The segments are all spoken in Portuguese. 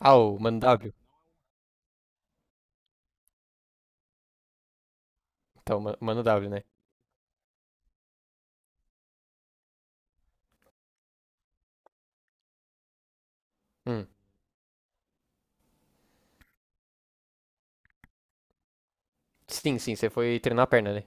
Ah, o Mano W. Então, Mano W, né? Hum. Sim, sim, você foi treinar a perna, né?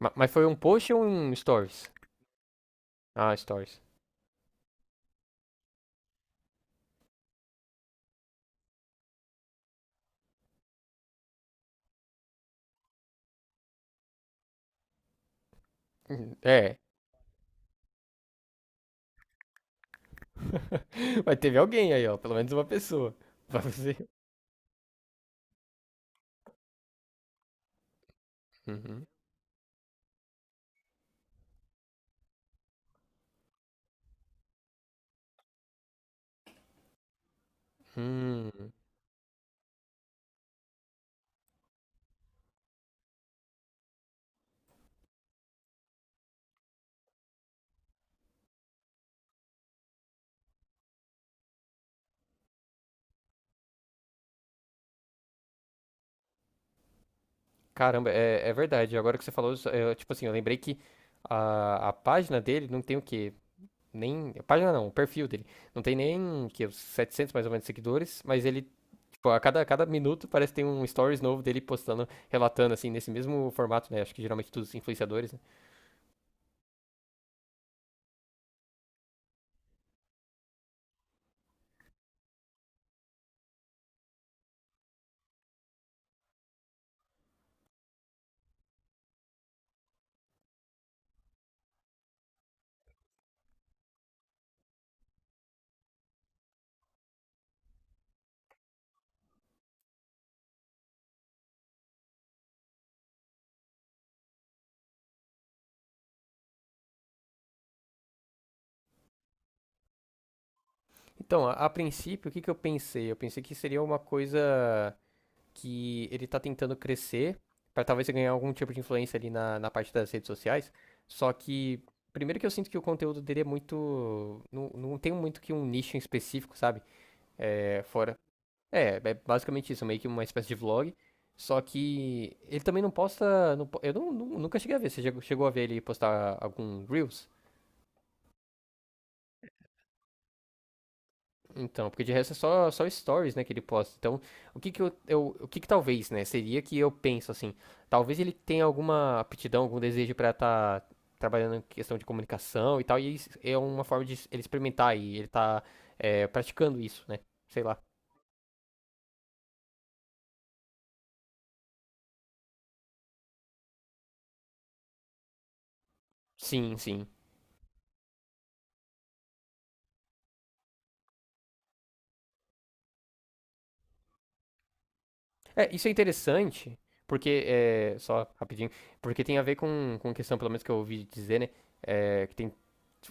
Mas foi um post ou um stories? Ah, stories. É. Mas teve alguém aí, ó. Pelo menos uma pessoa. Pra você. Uhum. Hum. Caramba, é, é verdade. Agora que você falou isso, eu, tipo assim, eu lembrei que a página dele não tem o quê? Nem. A página não, o perfil dele. Não tem nem que uns 700 mais ou menos seguidores, mas ele... Pô, a cada minuto parece que tem um stories novo dele postando, relatando, assim, nesse mesmo formato, né? Acho que geralmente todos os influenciadores, né? Então, a princípio, o que que eu pensei? Eu pensei que seria uma coisa que ele tá tentando crescer pra talvez ganhar algum tipo de influência ali na, na parte das redes sociais. Só que, primeiro, que eu sinto que o conteúdo dele é muito... Não, não tem muito que um nicho em específico, sabe? É, fora, É, é basicamente isso, é meio que uma espécie de vlog. Só que ele também não posta. Não po- eu não- nu- Nunca cheguei a ver. Você chegou a ver ele postar algum Reels? Então, porque de resto é só, só stories, né, que ele posta. Então, o que que talvez, né, seria, que eu penso assim, talvez ele tenha alguma aptidão, algum desejo pra estar trabalhando em questão de comunicação e tal, e isso é uma forma de ele experimentar e ele tá praticando isso, né? Sei lá. Sim, sim. É, isso é interessante, porque, é, só rapidinho, porque tem a ver com questão, pelo menos que eu ouvi dizer, né? É, que tem,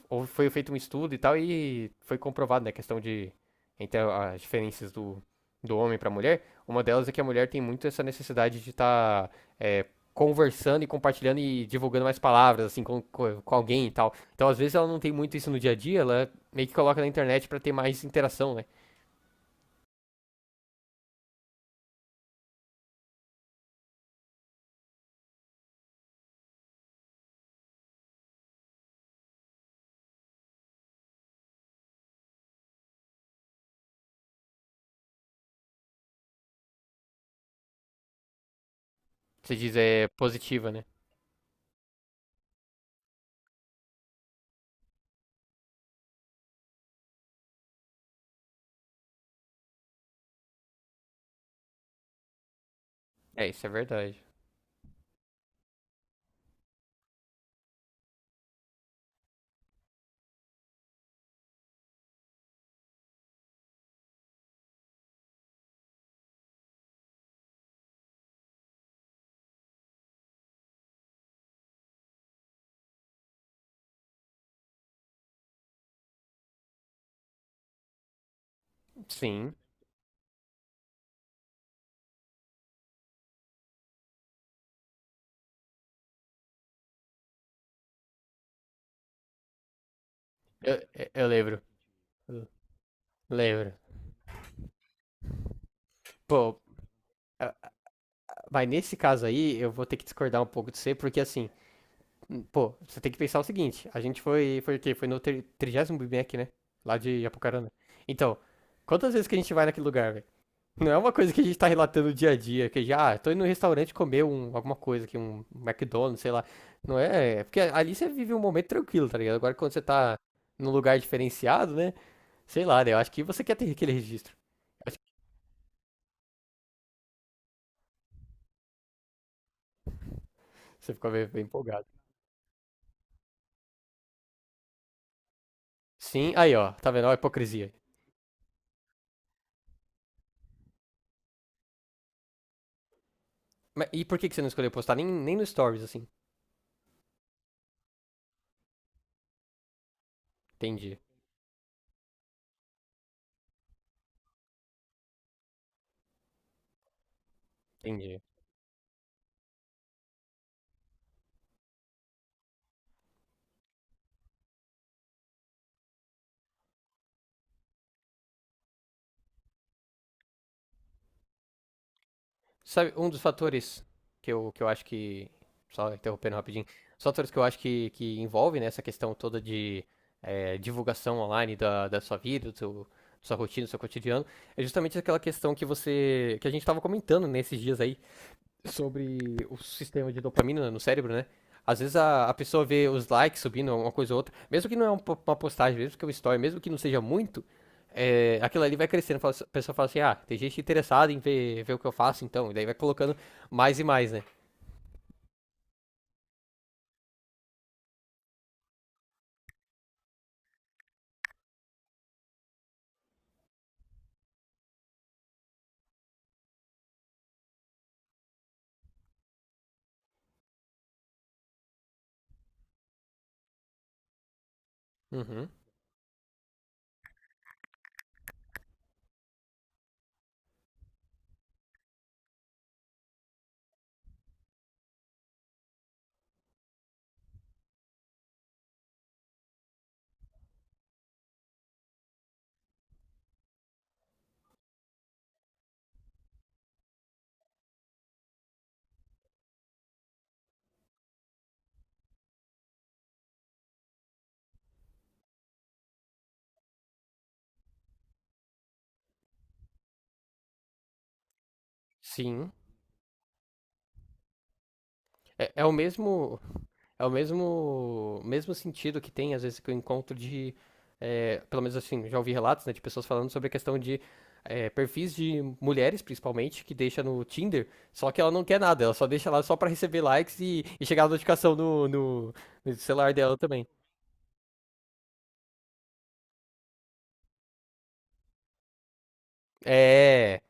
foi feito um estudo e tal, e foi comprovado, né? A questão de, entre as diferenças do, do homem para a mulher, uma delas é que a mulher tem muito essa necessidade de estar conversando e compartilhando e divulgando mais palavras, assim, com, com alguém e tal. Então, às vezes, ela não tem muito isso no dia a dia, ela meio que coloca na internet para ter mais interação, né? Se diz, é, positiva, né? É, isso é verdade. Sim. Eu, eu lembro. Lembro. Pô, ah, mas nesse caso aí, eu vou ter que discordar um pouco de você, porque assim, pô, você tem que pensar o seguinte: a gente foi, foi o quê? Foi no trigésimo Big Mac, né? Lá de Apucarana. Então, quantas vezes que a gente vai naquele lugar, velho? Não é uma coisa que a gente tá relatando dia a dia, que já, ah, tô indo no restaurante comer um, alguma coisa aqui, um McDonald's, sei lá. Não é, é, porque ali você vive um momento tranquilo, tá ligado? Agora quando você tá num lugar diferenciado, né? Sei lá, né? Eu acho que você quer ter aquele registro. Acho que você ficou bem empolgado. Sim, aí ó, tá vendo? Ó a hipocrisia. Mas, e por que que você não escolheu postar nem, nem no Stories, assim? Entendi, entendi. Sabe, um dos fatores que eu acho que... Só interrompendo rapidinho. Os fatores que eu acho que envolve, né, essa questão toda de divulgação online da, da sua vida, do seu, da sua rotina, do seu cotidiano, é justamente aquela questão que você... que a gente tava comentando nesses dias aí, sobre o sistema de dopamina no cérebro, né? Às vezes a pessoa vê os likes subindo, uma coisa ou outra, mesmo que não é um... uma postagem, mesmo que é um story, mesmo que não seja muito, é, aquilo ali vai crescendo. A pessoa fala assim: ah, tem gente interessada em ver, ver o que eu faço, então. E daí vai colocando mais e mais, né? Uhum. Sim. É, é o mesmo. É o mesmo, mesmo sentido que tem, às vezes, que eu encontro de... é, pelo menos assim, já ouvi relatos, né, de pessoas falando sobre a questão de perfis de mulheres, principalmente, que deixa no Tinder, só que ela não quer nada, ela só deixa lá só pra receber likes e chegar a notificação no, no, no celular dela também. É.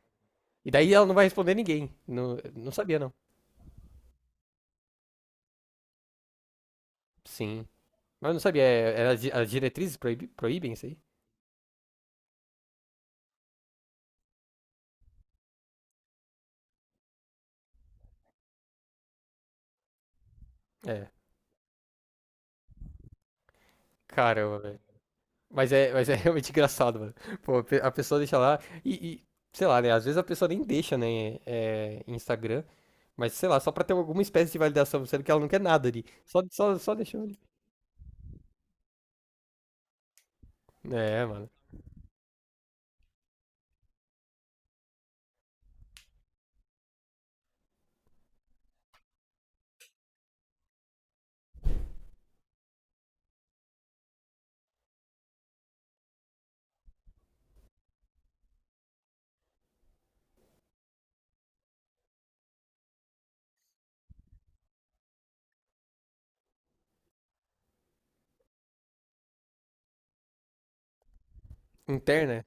E daí ela não vai responder ninguém. Não, não sabia, não. Sim. Mas eu não sabia, é, é, as as diretrizes proíbem isso aí? É. Caramba, velho. Mas é realmente engraçado, mano. Pô, a a pessoa deixa lá e, sei lá, né? Às vezes a pessoa nem deixa, né? É, em Instagram, mas sei lá, só pra ter alguma espécie de validação, sendo que ela não quer nada ali. Só, só, só deixou ali. É, mano. Interna,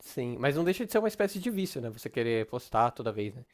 sim. Mas não deixa de ser uma espécie de vício, né? Você querer postar toda vez, né?